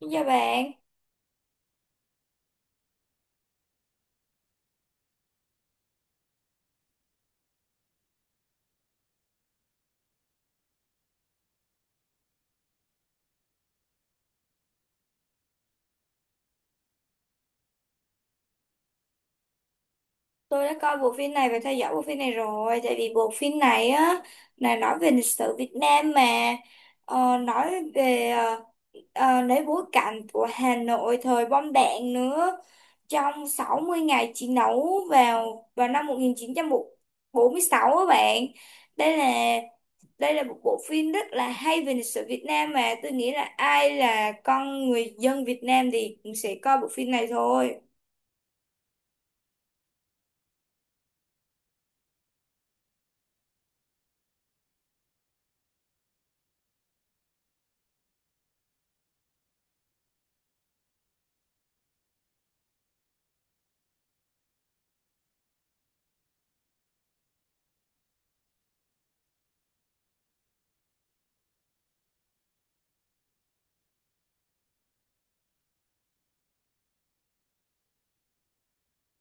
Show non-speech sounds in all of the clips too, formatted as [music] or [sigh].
Xin chào bạn. Tôi đã coi bộ phim này và theo dõi bộ phim này rồi. Tại vì bộ phim này á là nói về lịch sử Việt Nam mà. Nói về lấy bối cảnh của Hà Nội thời bom đạn nữa. Trong 60 ngày chiến đấu vào vào năm 1946 á bạn. Đây là đây là một bộ phim rất là hay về lịch sử Việt Nam, mà tôi nghĩ là ai là con người dân Việt Nam thì cũng sẽ coi bộ phim này thôi.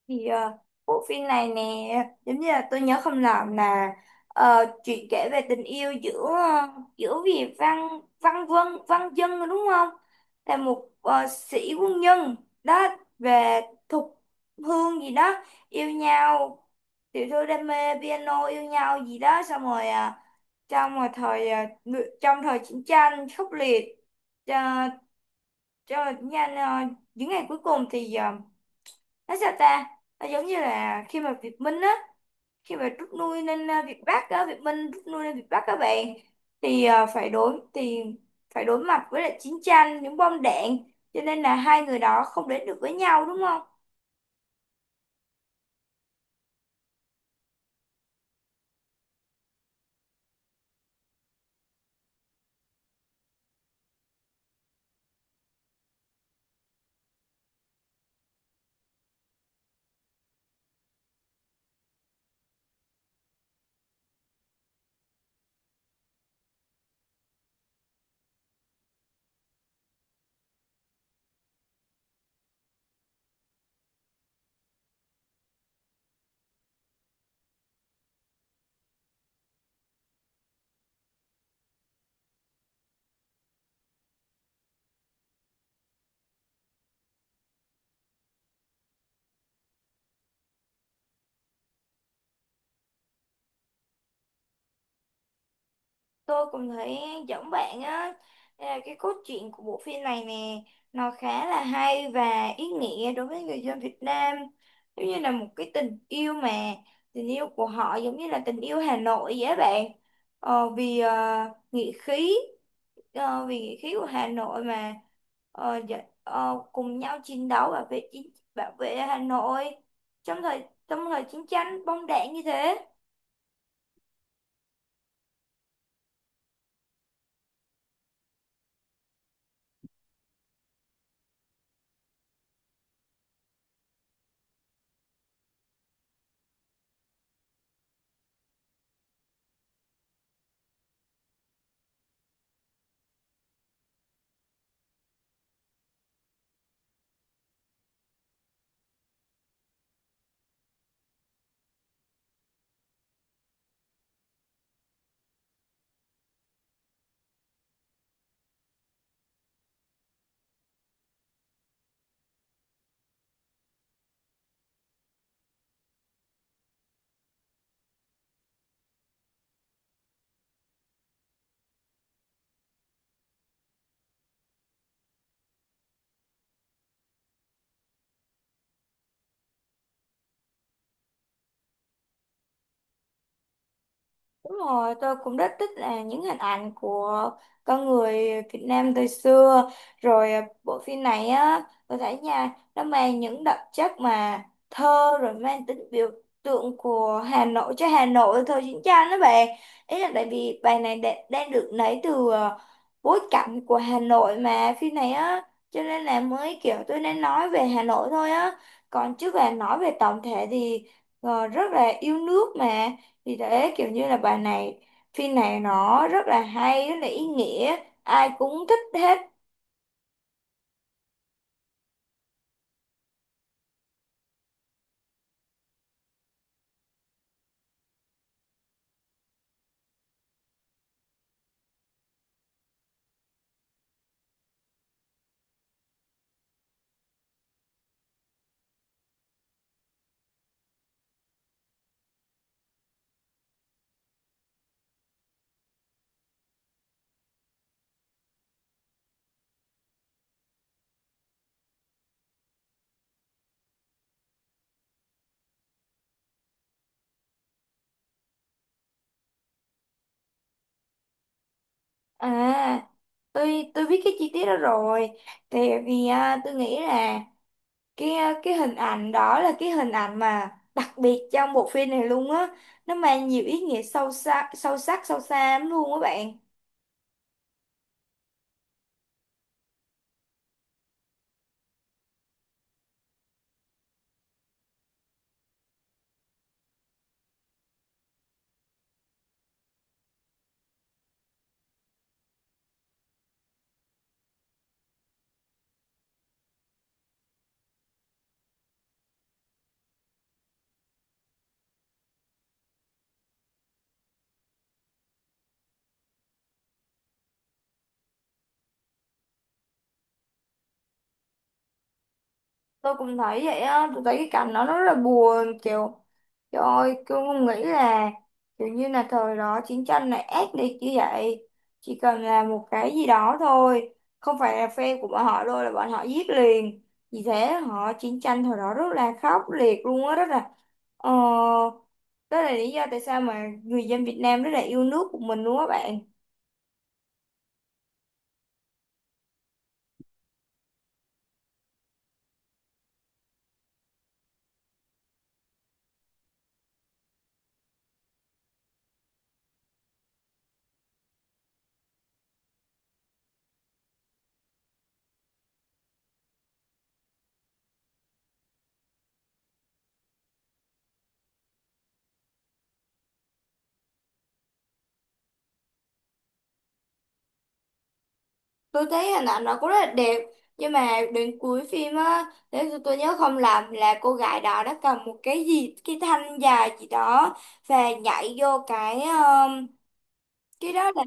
Thì bộ phim này nè, giống như là tôi nhớ không lầm là, chuyện kể về tình yêu giữa giữa Vì Văn Văn Vân Văn Dân, đúng không, là một sĩ quân nhân đó, về Thục Hương gì đó, yêu nhau, tiểu thư đam mê piano yêu nhau gì đó. Xong rồi trong một thời trong thời chiến tranh khốc liệt, cho cho nhanh những ngày cuối cùng thì nói sao ta, nó giống như là khi mà Việt Minh á, khi mà rút lui lên à, Việt Bắc á, Việt Minh rút lui lên Việt Bắc các bạn, thì à, phải đối mặt với lại chiến tranh những bom đạn, cho nên là hai người đó không đến được với nhau, đúng không. Tôi cũng thấy giống bạn á. Đây là cái cốt truyện của bộ phim này nè, nó khá là hay và ý nghĩa đối với người dân Việt Nam. Giống như là một cái tình yêu mà, tình yêu của họ giống như là tình yêu Hà Nội vậy á bạn. Vì nghĩa khí, vì nghĩa khí của Hà Nội mà ờ, dạ- cùng nhau chiến đấu bảo vệ chính, bảo vệ Hà Nội trong thời trong thời chiến tranh bom đạn như thế. Đúng rồi, tôi cũng rất thích là những hình ảnh của con người Việt Nam thời xưa. Rồi à, bộ phim này á, tôi thấy nha, nó mang những đặc chất mà thơ, rồi mang tính biểu tượng của Hà Nội cho Hà Nội thời chiến tranh đó bạn. Ý là tại vì bài này đang được lấy từ à, bối cảnh của Hà Nội mà phim này á, cho nên là mới kiểu tôi nên nói về Hà Nội thôi á. Còn chứ là nói về tổng thể thì rất là yêu nước mà. Thì thế kiểu như là bài này phim này nó rất là hay rất là ý nghĩa, ai cũng thích hết. À, tôi biết cái chi tiết đó rồi, tại vì à, tôi nghĩ là cái hình ảnh đó là cái hình ảnh mà đặc biệt trong bộ phim này luôn á, nó mang nhiều ý nghĩa sâu sắc sâu sắc sâu xa lắm luôn á bạn. Tôi cũng thấy vậy á, tôi thấy cái cảnh đó nó rất là buồn, kiểu trời ơi tôi không nghĩ là kiểu như là thời đó chiến tranh này ác liệt như vậy. Chỉ cần là một cái gì đó thôi không phải là phe của bọn họ đâu là bọn họ giết liền. Vì thế họ chiến tranh thời đó rất là khốc liệt luôn á. Rất là ờ Đó là lý do tại sao mà người dân Việt Nam rất là yêu nước của mình luôn á bạn. Tôi thấy hình ảnh nó cũng rất là đẹp, nhưng mà đến cuối phim á, nếu tôi nhớ không lầm là cô gái đó đã cầm một cái gì, cái thanh dài gì đó, và nhảy vô cái đó là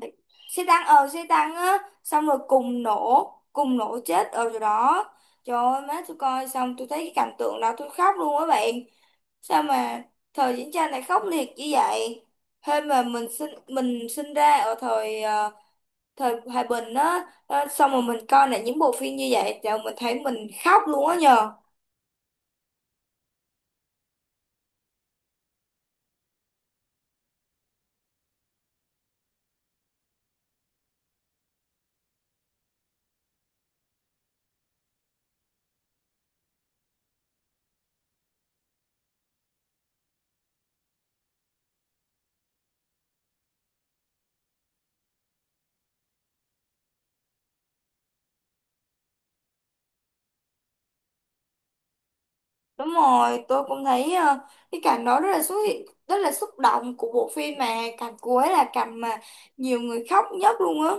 xe tăng, xe tăng á. Xong rồi cùng nổ chết ở chỗ đó. Trời ơi má, tôi coi xong tôi thấy cái cảnh tượng đó tôi khóc luôn á bạn. Sao mà thời chiến tranh này khốc liệt như vậy, hơn mà mình sinh ra ở thời thời hòa bình á, xong rồi mình coi lại những bộ phim như vậy rồi mình thấy mình khóc luôn á nhờ. Đúng rồi, tôi cũng thấy cái cảnh đó rất là xúc động của bộ phim, mà cảnh cuối là cảnh mà nhiều người khóc nhất luôn á.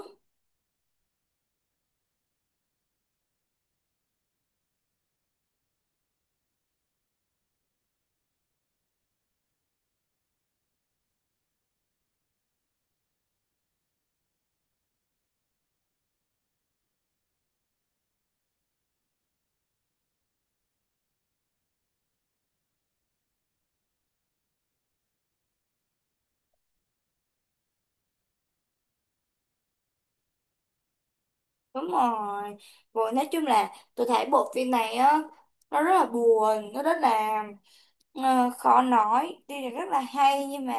Đúng rồi. Rồi nói chung là tôi thấy bộ phim này á, nó rất là buồn, nó rất là khó nói, tuy là rất là hay nhưng mà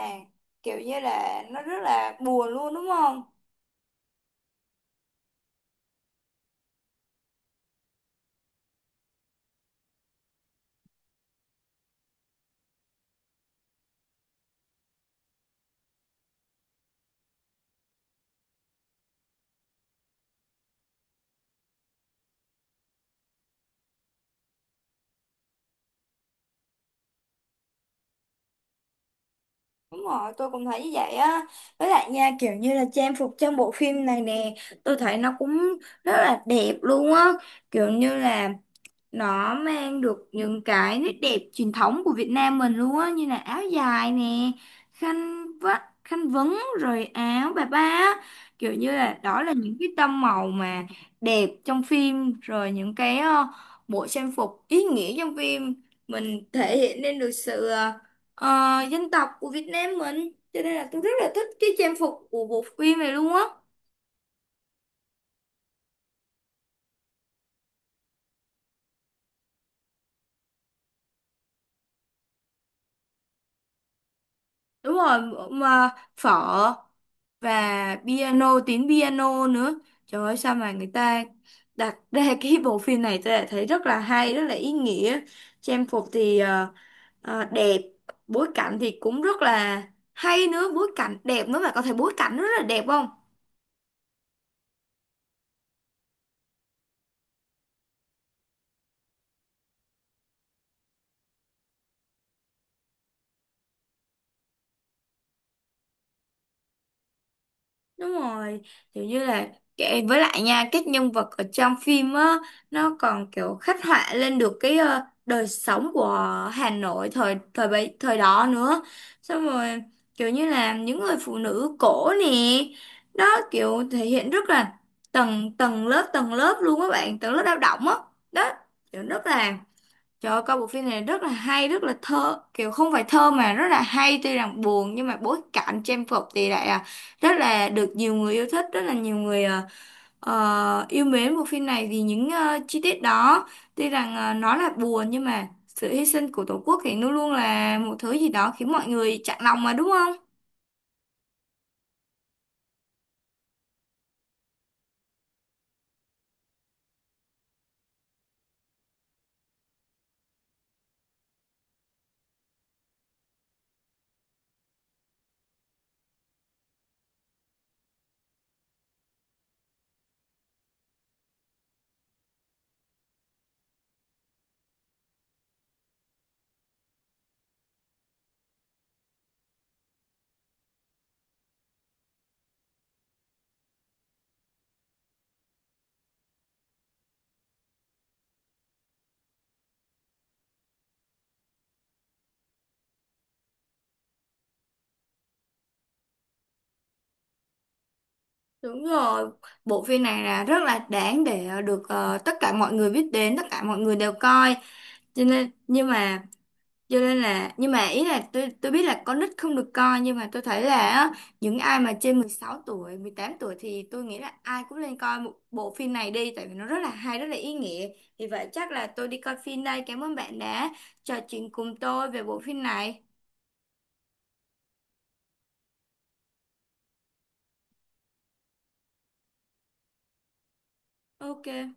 kiểu như là nó rất là buồn luôn, đúng không. Đúng rồi, tôi cũng thấy như vậy á. Với lại nha, kiểu như là trang phục trong bộ phim này nè, tôi thấy nó cũng rất là đẹp luôn á. Kiểu như là nó mang được những cái nét đẹp truyền thống của Việt Nam mình luôn á, như là áo dài nè, khăn vắt khăn vấn rồi áo bà ba á. Kiểu như là đó là những cái tông màu mà đẹp trong phim, rồi những cái bộ trang phục ý nghĩa trong phim mình thể hiện lên được sự dân tộc của Việt Nam mình, cho nên là tôi rất là thích cái trang phục của bộ phim này luôn á. Đúng rồi, mà phở và piano, tiếng piano nữa. Trời ơi, sao mà người ta đặt [laughs] ra cái bộ phim này tôi đã thấy rất là hay, rất là ý nghĩa. Trang phục thì đẹp, bối cảnh thì cũng rất là hay nữa, bối cảnh đẹp nữa, mà có thể bối cảnh rất là đẹp không? Đúng rồi, kiểu như là với lại nha, các nhân vật ở trong phim á nó còn kiểu khắc họa lên được cái đời sống của Hà Nội thời thời bấy thời đó nữa. Xong rồi kiểu như là những người phụ nữ cổ nè, đó kiểu thể hiện rất là tầng tầng lớp luôn các bạn, tầng lớp lao động á. Đó, kiểu rất là trời ơi, coi bộ phim này rất là hay, rất là thơ, kiểu không phải thơ mà rất là hay, tuy rằng buồn nhưng mà bối cảnh trang phục thì lại à, rất là được nhiều người yêu thích, rất là nhiều người à, yêu mến bộ phim này vì những chi tiết đó. Tuy rằng nó là buồn nhưng mà sự hy sinh của Tổ quốc thì luôn luôn là một thứ gì đó khiến mọi người chạnh lòng, mà đúng không? Đúng rồi, bộ phim này là rất là đáng để được tất cả mọi người biết đến, tất cả mọi người đều coi. Cho nên nhưng mà cho nên là nhưng mà ý là tôi biết là con nít không được coi, nhưng mà tôi thấy là á, những ai mà trên 16 tuổi 18 tuổi thì tôi nghĩ là ai cũng nên coi một bộ phim này đi, tại vì nó rất là hay rất là ý nghĩa. Vì vậy chắc là tôi đi coi phim đây, cảm ơn bạn đã trò chuyện cùng tôi về bộ phim này. Ok.